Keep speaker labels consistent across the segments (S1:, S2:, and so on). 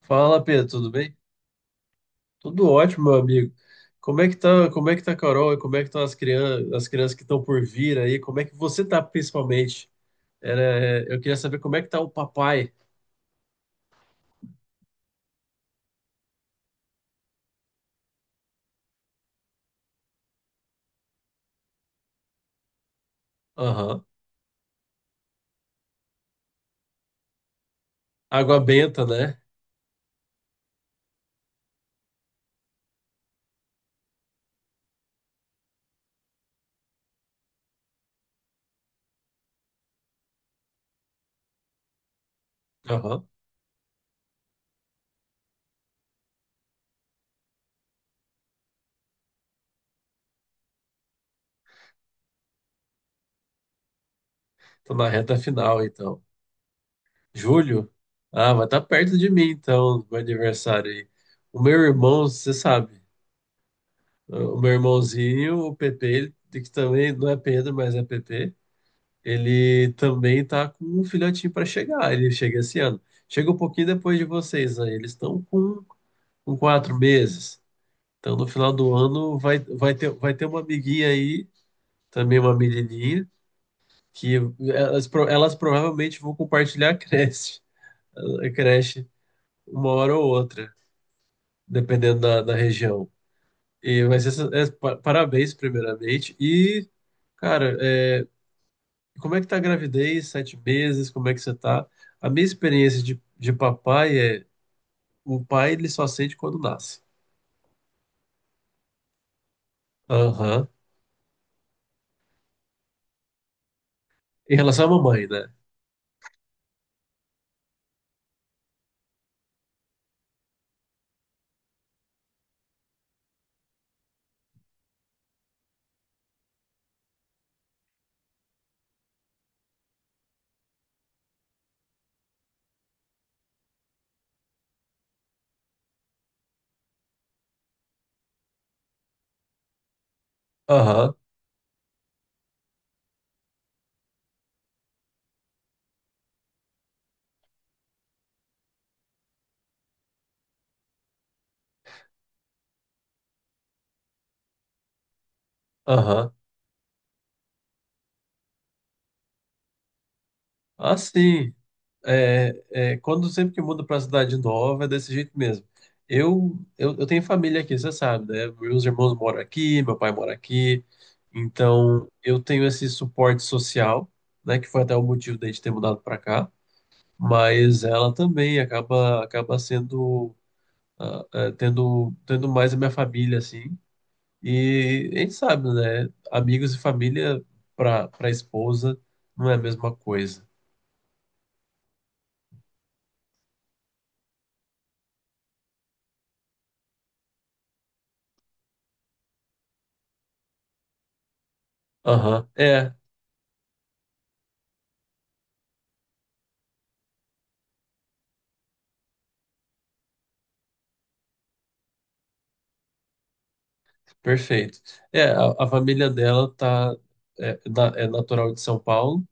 S1: Fala, Pedro, tudo bem? Tudo ótimo, meu amigo. Como é que tá, como é que tá a Carol e como é que estão as crianças que estão por vir aí? Como é que você tá principalmente? Eu queria saber como é que tá o papai. Aham. Água benta, né? Aham. Tô na reta final, então. Julho? Ah, mas tá perto de mim, então, meu aniversário aí. O meu irmão, você sabe, o meu irmãozinho, o Pepe, ele, que também não é Pedro, mas é Pepe. Ele também tá com um filhotinho para chegar. Ele chega esse ano. Chega um pouquinho depois de vocês, né? Com 4 meses. Então, no final do ano, vai ter uma amiguinha aí, também uma menininha, que elas provavelmente vão compartilhar a creche uma hora ou outra, dependendo da região. E vai ser, parabéns, primeiramente. E, cara, é, e como é que tá a gravidez? 7 meses? Como é que você tá? A minha experiência de papai é o pai ele só sente quando nasce. Aham. Em relação à mamãe, né? Aham, aham. Ah, sim. É, é, quando sempre que muda para cidade nova é desse jeito mesmo. Eu tenho família aqui, você sabe, né? Meus irmãos moram aqui, meu pai mora aqui. Então eu tenho esse suporte social, né? Que foi até o motivo da gente ter mudado para cá. Mas ela também acaba sendo tendo mais a minha família, assim. E a gente sabe, né? Amigos e família para esposa não é a mesma coisa. Aham, é, perfeito. É, a família dela tá, é natural de São Paulo,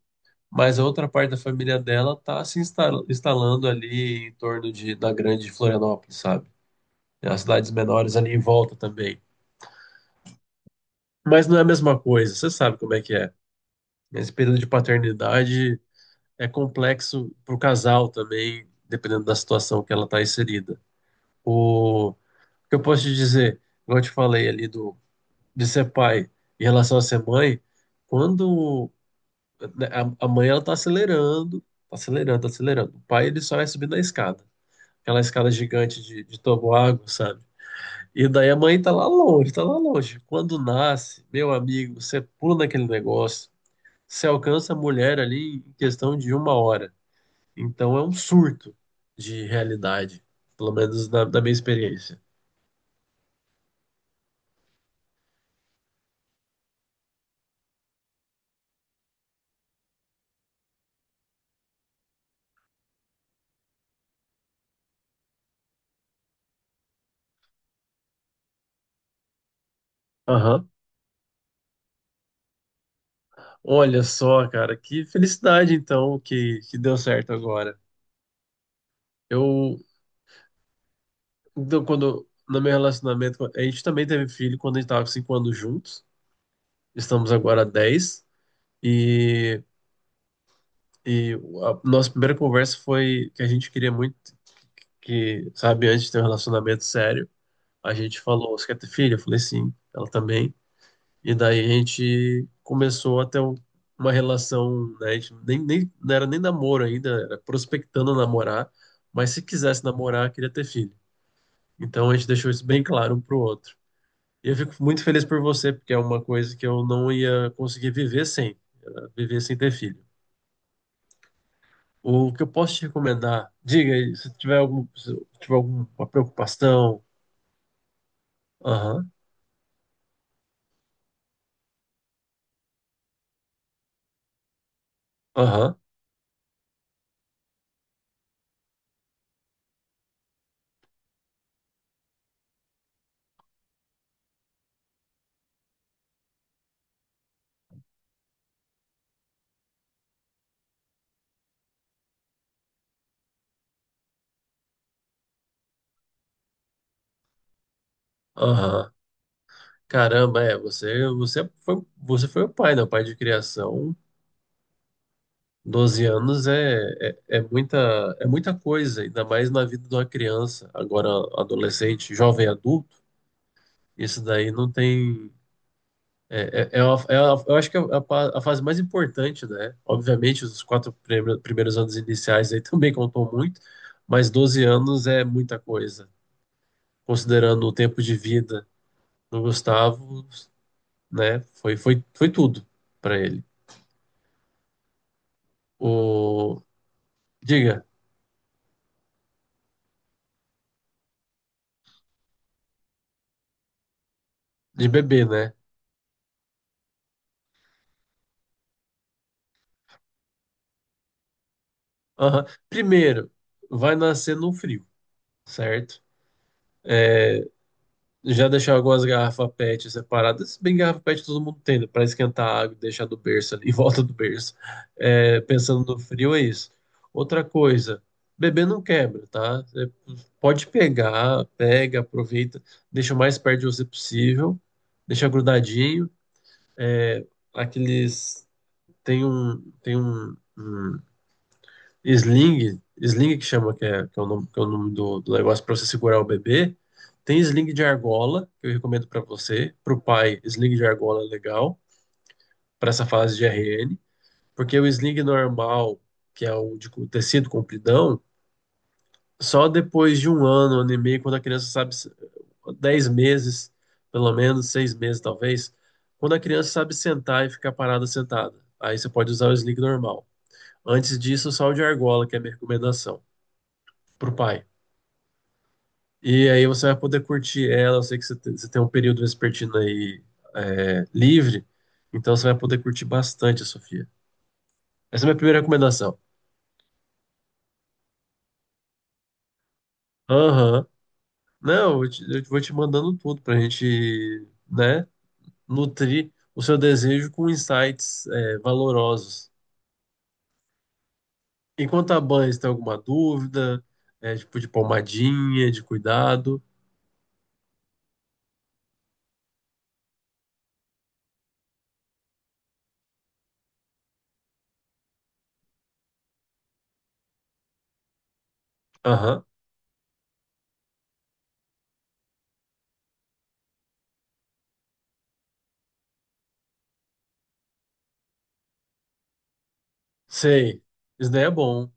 S1: mas a outra parte da família dela tá se instalando ali em torno de, da grande Florianópolis, sabe? As cidades menores ali em volta também. Mas não é a mesma coisa, você sabe como é que é. Nesse período de paternidade, é complexo para o casal também, dependendo da situação que ela está inserida. O que eu posso te dizer, igual eu te falei ali do, de ser pai em relação a ser mãe, quando né, a mãe ela está acelerando, tá acelerando. O pai ele só vai subindo a escada, aquela escada gigante de toboágua, sabe? E daí a mãe tá lá longe, tá lá longe. Quando nasce, meu amigo, você pula naquele negócio, você alcança a mulher ali em questão de uma hora. Então é um surto de realidade, pelo menos na minha experiência. Aham. Olha só, cara, que felicidade então que deu certo agora. Eu, no meu relacionamento, a gente também teve filho quando a gente estava com 5 anos juntos, estamos agora há 10, e, e a nossa primeira conversa foi que a gente queria muito que, sabe, antes de ter um relacionamento sério, a gente falou, você quer ter filho? Eu falei sim, ela também. E daí a gente começou a ter uma relação, né? A gente nem, nem, não era nem namoro ainda, era prospectando namorar, mas se quisesse namorar, queria ter filho. Então a gente deixou isso bem claro um pro outro. E eu fico muito feliz por você, porque é uma coisa que eu não ia conseguir viver sem, viver sem ter filho. O que eu posso te recomendar, diga aí, se tiver alguma preocupação, aham, aham, aham. Caramba, é, você foi o pai, né? O pai de criação 12 anos é, é muita, é muita coisa, ainda mais na vida de uma criança, agora adolescente, jovem adulto. Isso daí não tem. É uma- eu acho que é a fase mais importante, né? Obviamente, os quatro primeiros anos iniciais aí também contou muito, mas 12 anos é muita coisa. Considerando o tempo de vida do Gustavo, né? Foi tudo para ele. O, diga, de bebê, né? Aham. Primeiro, vai nascer no frio, certo? Já deixar algumas garrafas PET separadas, se bem que garrafa PET todo mundo tem, né? Para esquentar a água e deixar do berço ali, em volta do berço. É, pensando no frio, é isso. Outra coisa, bebê não quebra, tá? Você pode pegar, pega, aproveita, deixa o mais perto de você possível, deixa grudadinho. É, aqueles. Tem um, tem um sling, sling que chama, que é o nome, que é o nome do negócio para você segurar o bebê. Tem sling de argola, que eu recomendo para você. Para o pai, sling de argola é legal, para essa fase de RN, porque o sling normal, que é o de tecido compridão, só depois de um ano, ano e meio, quando a criança sabe, se- 10 meses, pelo menos, 6 meses talvez, quando a criança sabe sentar e ficar parada sentada. Aí você pode usar o sling normal. Antes disso, só o de argola, que é a minha recomendação, para o pai. E aí você vai poder curtir ela. Eu sei que você você tem um período vespertino aí livre, então você vai poder curtir bastante a Sofia. Essa é a minha primeira recomendação. Aham. Não, eu vou te mandando tudo pra gente, né, nutrir o seu desejo com insights valorosos. Enquanto a banha, você tem alguma dúvida, tipo de pomadinha, de cuidado. Aham. Sei. Isso daí é bom.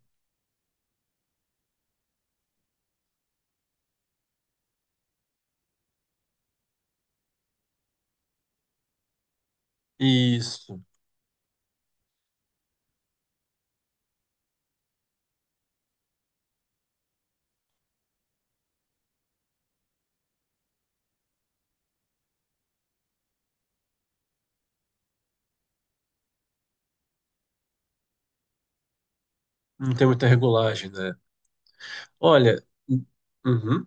S1: Isso. Não tem muita regulagem, né? Olha. Hum, uhum.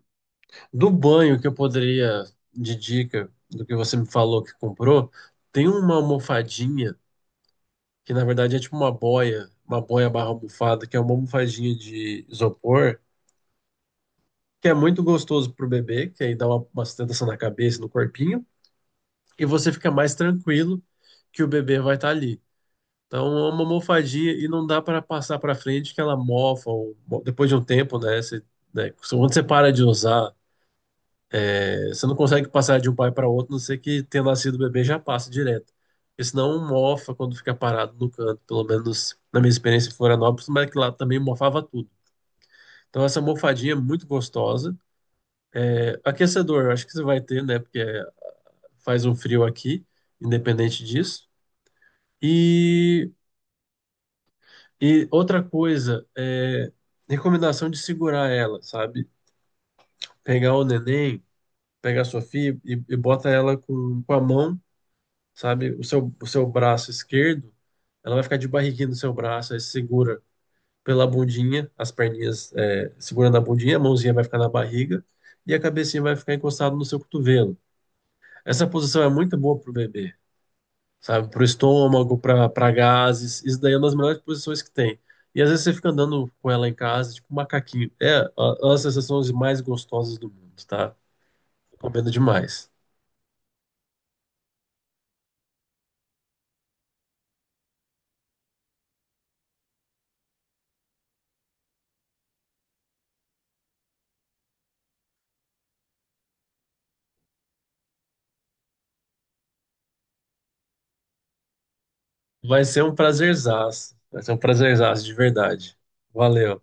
S1: Do banho que eu poderia, de dica do que você me falou que comprou, tem uma almofadinha que na verdade é tipo uma boia barra almofada, que é uma almofadinha de isopor, que é muito gostoso pro bebê, que aí dá uma sustentação na cabeça, e no corpinho, e você fica mais tranquilo que o bebê vai estar ali. Então é uma almofadinha e não dá para passar para frente que ela mofa ou, bom, depois de um tempo, né, você, né, quando você para de usar. É, você não consegue passar de um pai para outro, a não ser que tenha nascido o bebê já passa direto. Porque senão um mofa quando fica parado no canto, pelo menos na minha experiência em Florianópolis, mas que lá também mofava tudo. Então essa mofadinha é muito gostosa. É, aquecedor, eu acho que você vai ter, né? Porque é, faz um frio aqui, independente disso. E, e outra coisa, é recomendação de segurar ela, sabe? Pegar o neném, pegar a Sofia e bota ela com a mão, sabe? O seu braço esquerdo, ela vai ficar de barriguinha no seu braço, aí você segura pela bundinha, as perninhas é, segurando a bundinha, a mãozinha vai ficar na barriga e a cabecinha vai ficar encostada no seu cotovelo. Essa posição é muito boa pro bebê, sabe? Pro estômago, pra para gases, isso daí é uma das melhores posições que tem. E às vezes você fica andando com ela em casa, tipo um macaquinho. É uma das sensações mais gostosas do mundo, tá? Recomendo demais. Vai ser um prazerzaço. Vai ser um prazerzaço, de verdade. Valeu.